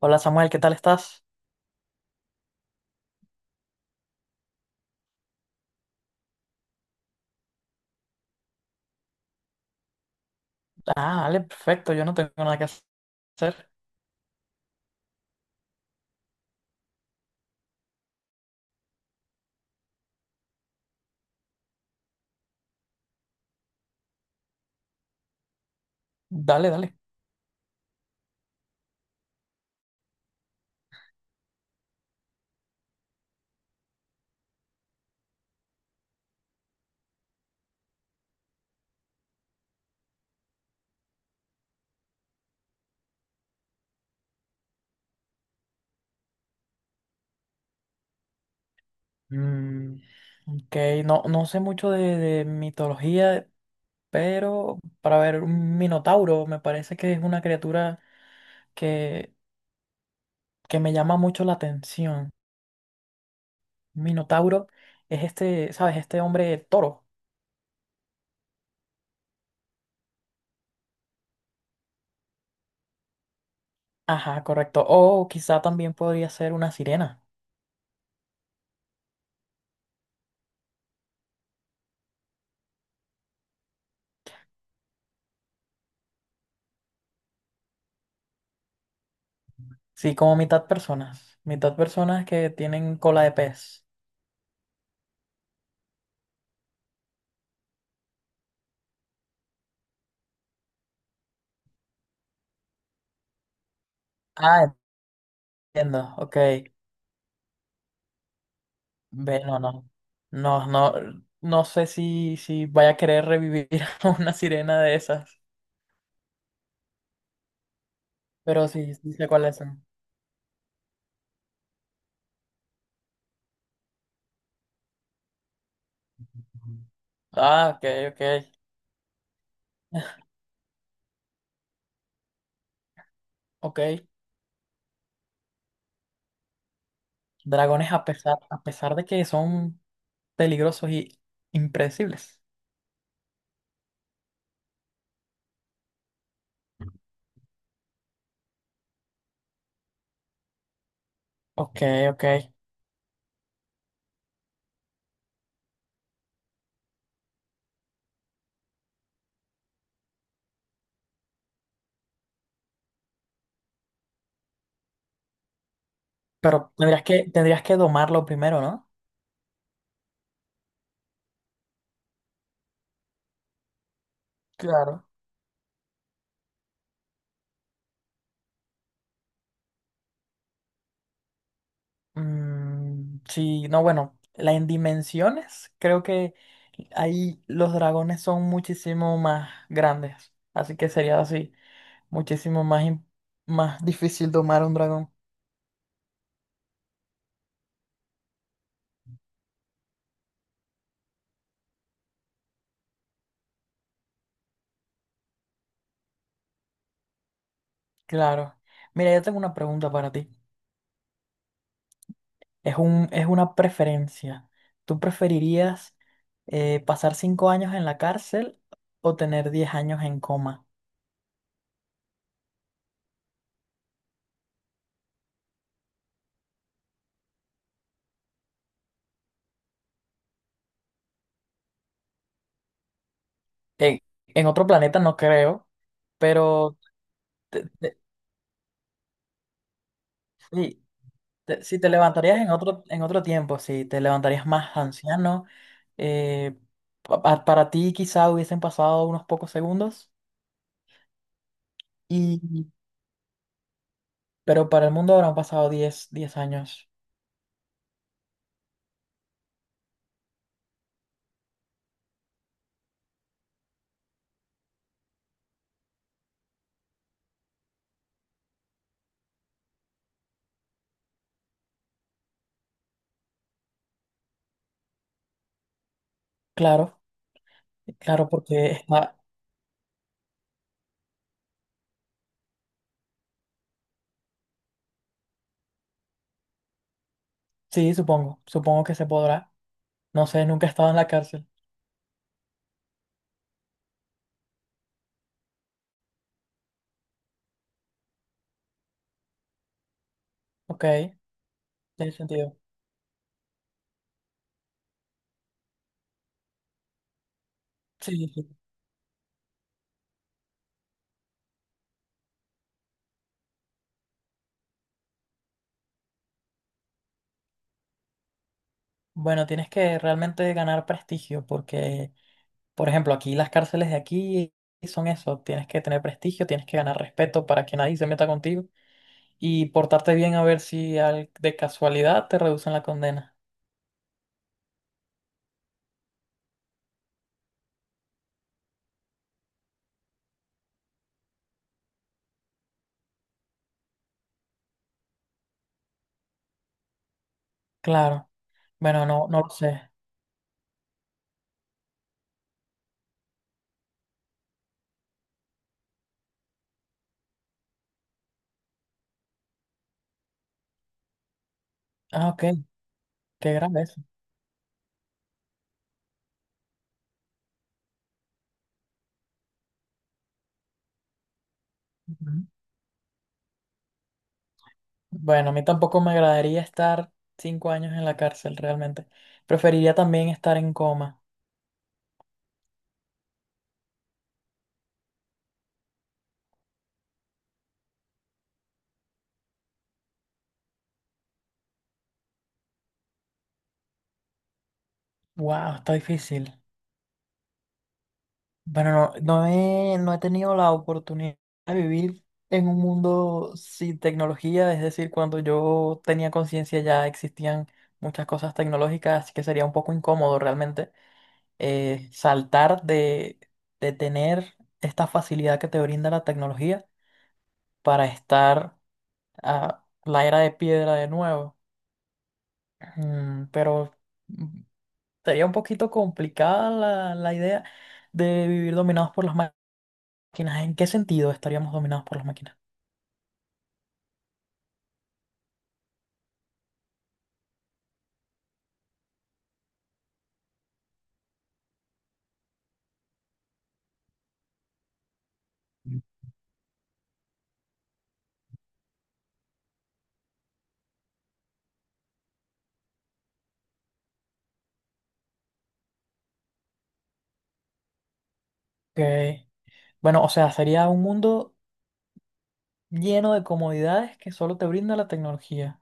Hola Samuel, ¿qué tal estás? Ah, dale, perfecto, yo no tengo nada que hacer. Dale, dale. Mm, ok, no, no sé mucho de mitología, pero para ver, un minotauro me parece que es una criatura que, que me llama mucho la atención. Minotauro es este, ¿sabes? Este hombre toro. Ajá, correcto. O quizá también podría ser una sirena. Sí, como mitad personas. Mitad personas que tienen cola de pez. Ah, entiendo, ok. Ve, no, no. No, no, no sé si vaya a querer revivir a una sirena de esas, pero sí, sí sé cuáles son. Ujú. Ah, ok, ok, ok. Dragones a pesar de que son peligrosos y impredecibles. Ok, ok. Pero tendrías que domarlo primero, ¿no? Claro. Mm, sí, no, bueno, la en dimensiones, creo que ahí los dragones son muchísimo más grandes. Así que sería así. Muchísimo más, im- Más difícil domar a un dragón. Claro. Mira, yo tengo una pregunta para ti. Es una preferencia. ¿Tú preferirías pasar 5 años en la cárcel o tener 10 años en coma? En, en otro planeta no creo, pero te- te- sí, si te levantarías en otro tiempo, si te levantarías más anciano, eh, para ti quizá hubiesen pasado unos pocos segundos. Pero para el mundo habrán pasado diez años. Claro, claro, porque está. Sí, supongo, supongo que se podrá. No sé, nunca he estado en la cárcel. Ok, tiene sentido. Sí, sí. Bueno, tienes que realmente ganar prestigio porque, por ejemplo, aquí las cárceles de aquí son eso. Tienes que tener prestigio, tienes que ganar respeto para que nadie se meta contigo y portarte bien a ver si al- de casualidad te reducen la condena. Claro. Bueno, no, no lo sé. Ah, ok, qué grave eso. Ujú. Bueno, a mí tampoco me agradaría estar 5 años en la cárcel realmente. Preferiría también estar en coma. Wow, está difícil. Bueno, no he tenido la oportunidad de vivir en un mundo sin tecnología, es decir, cuando yo tenía conciencia ya existían muchas cosas tecnológicas, así que sería un poco incómodo realmente eh, saltar de, de tener esta facilidad que te brinda la tecnología para estar a la era de piedra de nuevo. Mm, pero mm, sería un poquito complicada la idea de vivir dominados por las máquinas. ¿En qué sentido estaríamos dominados por las máquinas? Que, bueno, o sea, sería un mundo lleno de comodidades que solo te brinda la tecnología.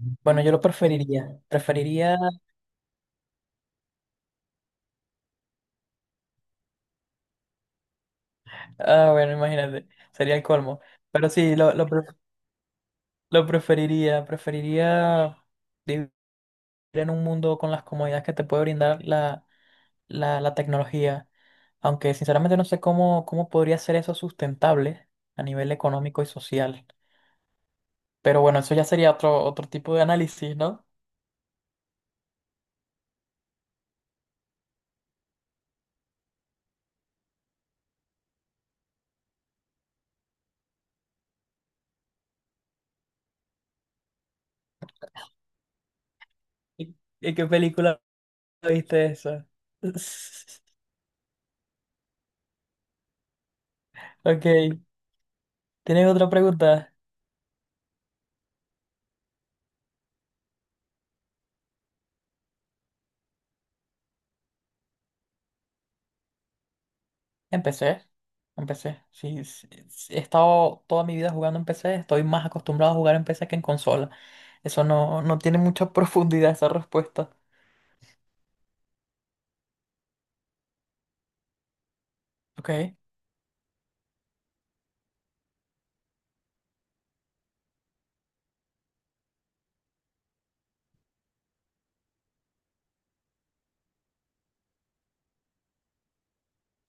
Bueno, yo lo preferiría. Preferiría, ah, bueno, imagínate, sería el colmo. Pero sí, lo preferiría. Preferiría vivir en un mundo con las comodidades que te puede brindar la tecnología, aunque sinceramente no sé cómo, cómo podría ser eso sustentable a nivel económico y social. Pero bueno, eso ya sería otro, otro tipo de análisis, ¿no? ¿Y, y qué película viste eso? Ok, ¿tienes otra pregunta? Empecé, empecé. Sí, sí, sí, he estado toda mi vida jugando en PC, estoy más acostumbrado a jugar en PC que en consola. Eso no, no tiene mucha profundidad esa respuesta. Ok,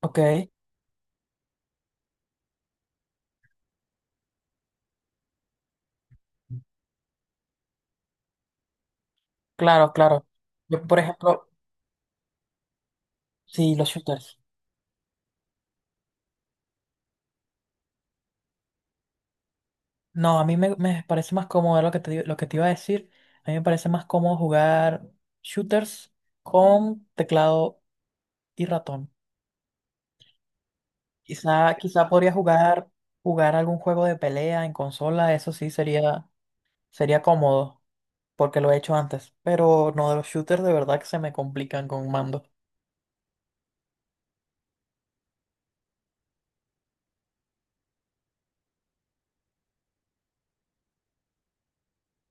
ok, claro, claro. Yo, por ejemplo, sí, los shooters. No, me parece más cómodo lo que te, digo- lo que te iba a decir. A mí me parece más cómodo jugar shooters con teclado y ratón. Quizá, quizá podría jugar, jugar algún juego de pelea en consola, eso sí sería, sería cómodo, porque lo he hecho antes. Pero no, de los shooters de verdad que se me complican con un mando.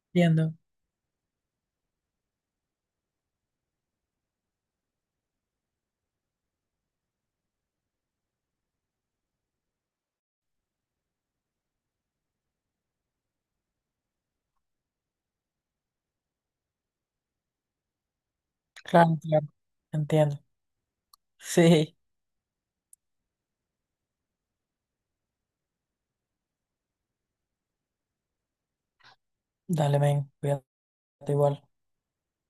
Entiendo. Claro, claro. Entiendo. Sí. Dale, men, cuídate igual.